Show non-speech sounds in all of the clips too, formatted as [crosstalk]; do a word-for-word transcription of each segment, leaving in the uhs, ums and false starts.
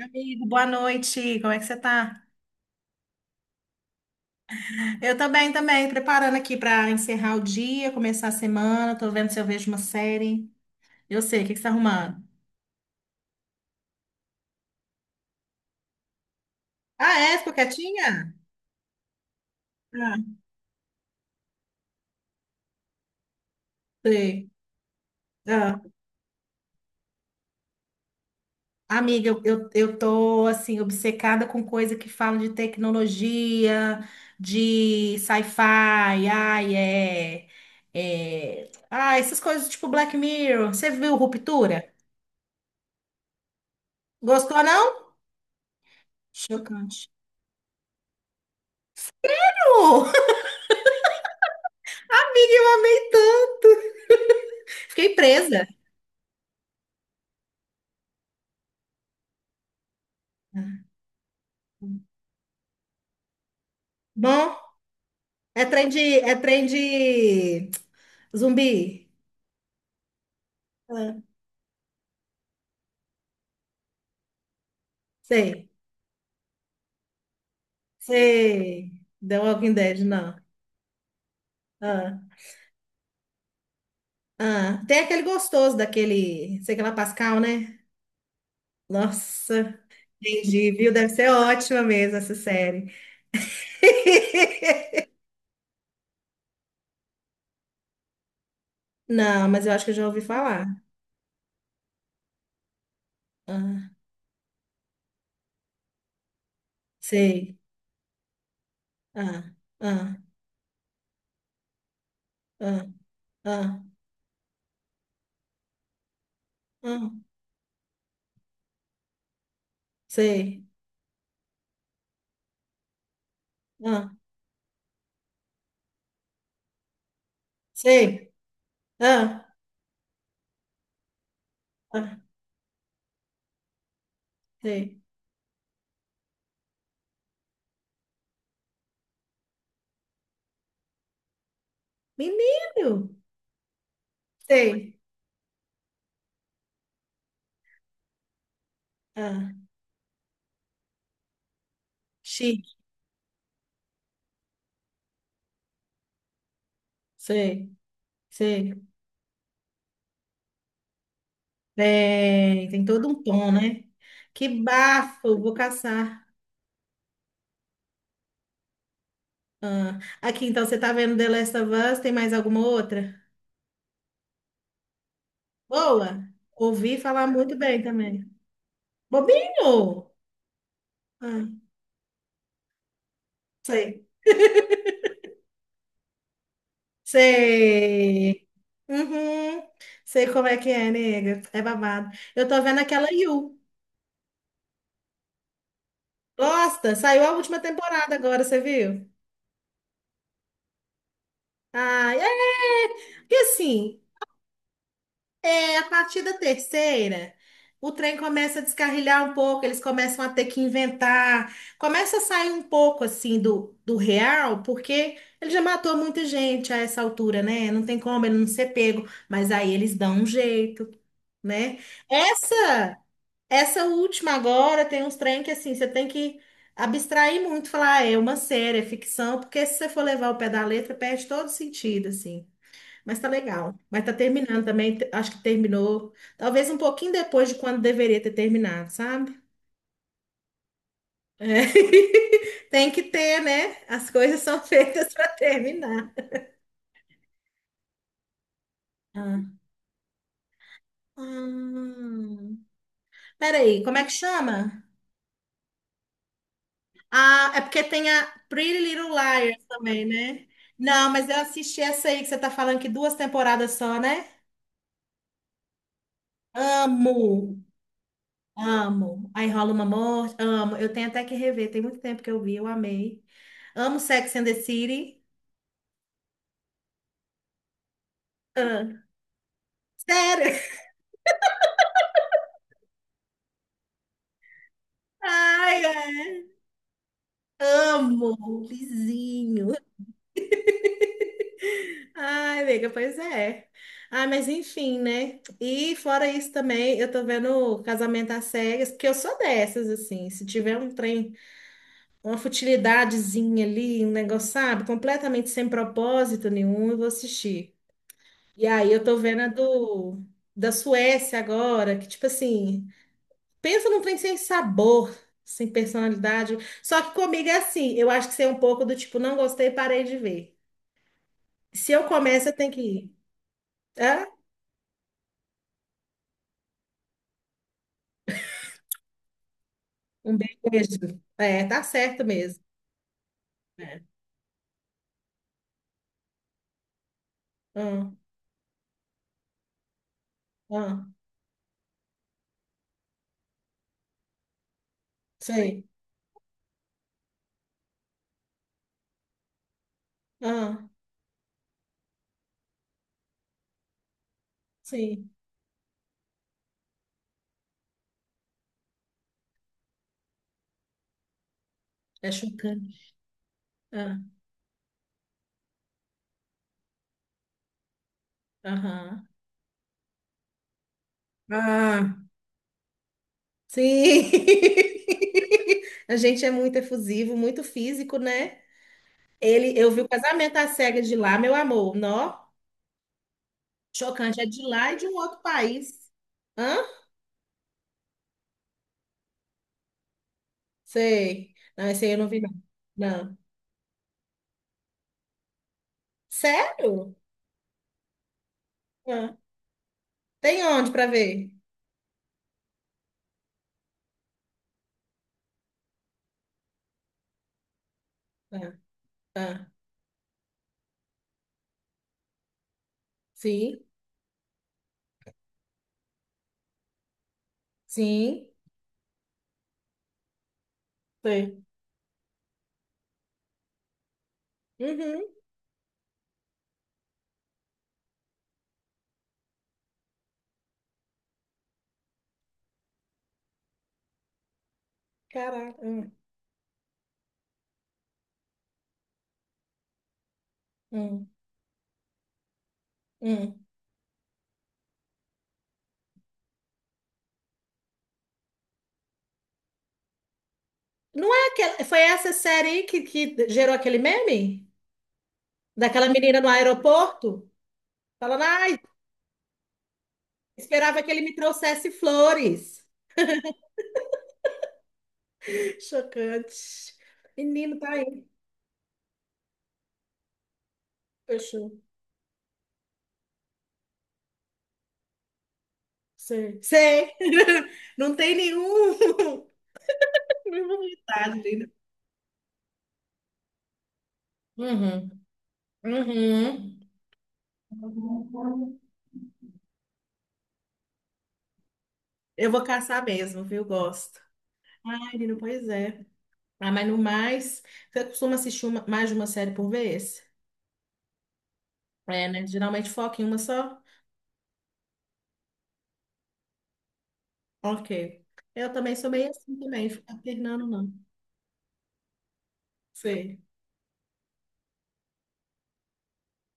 Amigo, boa noite. Como é que você tá? Eu também, também, preparando aqui para encerrar o dia, começar a semana. Tô vendo se eu vejo uma série. Eu sei, o que que você tá arrumando? Ah, é? Ficou quietinha? Ah, sei. Ah, amiga, eu, eu, eu tô, assim, obcecada com coisa que fala de tecnologia, de sci-fi, ai, é, é... Ah, essas coisas tipo Black Mirror. Você viu Ruptura? Gostou, não? Chocante. [laughs] Uh, Fiquei presa. Bom, é trem de, é trem de zumbi. Ah, sei, sei. The Walking Dead, não. Ah, ah. Tem aquele gostoso daquele, sei que lá, Pascal, né? Nossa, entendi, viu? Deve ser ótima mesmo essa série. [laughs] Não, mas eu acho que eu já ouvi falar. Ah, sei. Ah, ah, ah, ah, ah, sei. Ah, sei. Ah, ah, sei. Menino, sei. Ah, chique, sei, sei. É, tem todo um tom, né? Que bafo, vou caçar. Ah, aqui, então, você tá vendo The Last of Us? Tem mais alguma outra? Boa! Ouvi falar muito bem também. Bobinho! Ah, sei, sei. Uhum, sei como é que é, nega. É babado. Eu tô vendo aquela You. Gosta? Saiu a última temporada agora, você viu? Ah, é! E assim, é, a partir da terceira, o trem começa a descarrilhar um pouco, eles começam a ter que inventar, começa a sair um pouco assim do, do real, porque ele já matou muita gente a essa altura, né? Não tem como ele não ser pego, mas aí eles dão um jeito, né? Essa, essa última agora tem uns trem que assim, você tem que abstrair muito, falar, ah, é uma série, é ficção, porque se você for levar o pé da letra, perde todo sentido, assim. Mas tá legal. Mas tá terminando também. te- Acho que terminou. Talvez um pouquinho depois de quando deveria ter terminado, sabe? É. [laughs] Tem que ter, né? As coisas são [laughs] feitas para terminar. Ah. Hum. Peraí, como é que chama? Ah, é porque tem a Pretty Little Liars também, né? Não, mas eu assisti essa aí que você tá falando que duas temporadas só, né? Amo. Amo. Aí rola uma morte. Amo. Eu tenho até que rever. Tem muito tempo que eu vi, eu amei. Amo Sex and the City. Ah, sério? [laughs] Ai, ai, amo. Vizinho. Ai, amiga, pois é. Ah, mas enfim, né? E fora isso também, eu tô vendo Casamento às Cegas, porque eu sou dessas, assim. Se tiver um trem, uma futilidadezinha ali, um negócio, sabe? Completamente sem propósito nenhum, eu vou assistir. E aí eu tô vendo a do, da Suécia agora, que tipo assim, pensa num trem sem sabor, sem personalidade. Só que comigo é assim, eu acho que você é um pouco do tipo, não gostei, parei de ver. Se eu começo, eu tenho que ir. Hã? Um beijo. É, tá certo mesmo. É. Ah, ah, sei. Ah, sim. É chocante. Ah, aham. Ah, sim. [laughs] A gente é muito efusivo, muito físico, né? Ele, eu vi o casamento às cegas de lá, meu amor. Nó, chocante. É de lá e de um outro país. Hã? Sei. Não, esse aí eu não vi, não. Não. Sério? Hã? Tem onde pra ver? Hã? Hã? Sim, sim. Sei. Uhum. Caraca. Hum, hum, hum. Não é aquela. Foi essa série aí que, que gerou aquele meme? Daquela menina no aeroporto? Falando, ai, esperava que ele me trouxesse flores. [laughs] Chocante. Menino, tá. Fechou. Sei. Sei. [laughs] Não tem nenhum, [laughs] nenhuma vontade, linda. Uhum. Uhum. Eu vou caçar mesmo, viu? Gosto. Ai, menino, pois é. Ah, mas no mais, você costuma assistir uma- mais de uma série por vez? É, né? Geralmente foca em uma só? Ok. Eu também sou meio assim também, ficar alternando, não. Sei.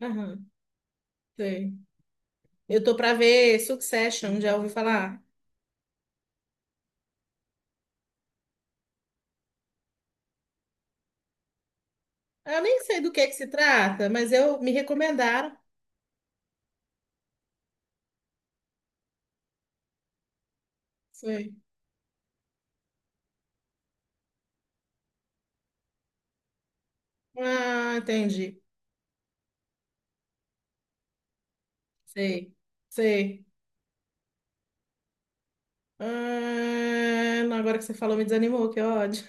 Aham, sei. Eu tô pra ver Succession, já ouvi falar? Eu nem sei do que que se trata, mas eu me recomendaram. Sei. Ah, entendi. Sei. Sei. Ah, não, agora que você falou, me desanimou, que ódio.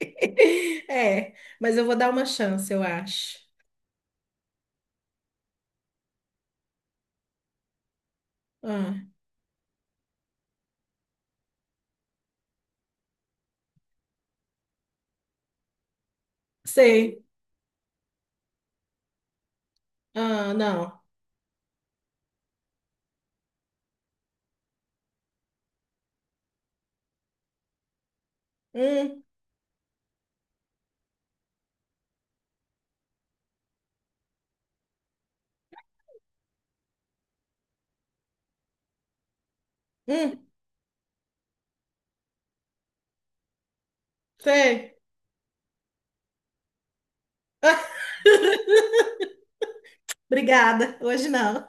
[laughs] É, mas eu vou dar uma chance, eu acho. Ah, sei. Ah, não. Hum, hum, sei. Obrigada. Hoje não.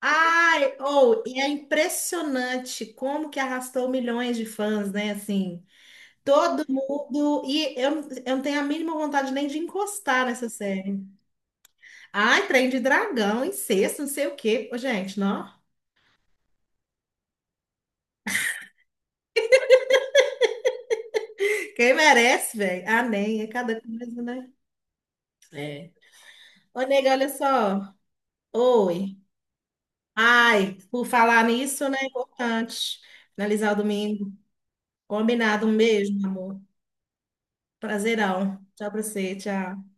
Ai, ou, e é impressionante como que arrastou milhões de fãs, né? Assim, todo mundo. E eu, eu não tenho a mínima vontade nem de encostar nessa série. Ai, trem de dragão, incesto, não sei o quê. Ô, gente, não. Quem merece, velho? Ah, nem, é cada coisa, né? É. Ô, nega, olha só. Oi. Ai, por falar nisso, né? É importante. Finalizar o domingo. Combinado, um beijo, meu amor. Prazerão. Tchau pra você, tchau.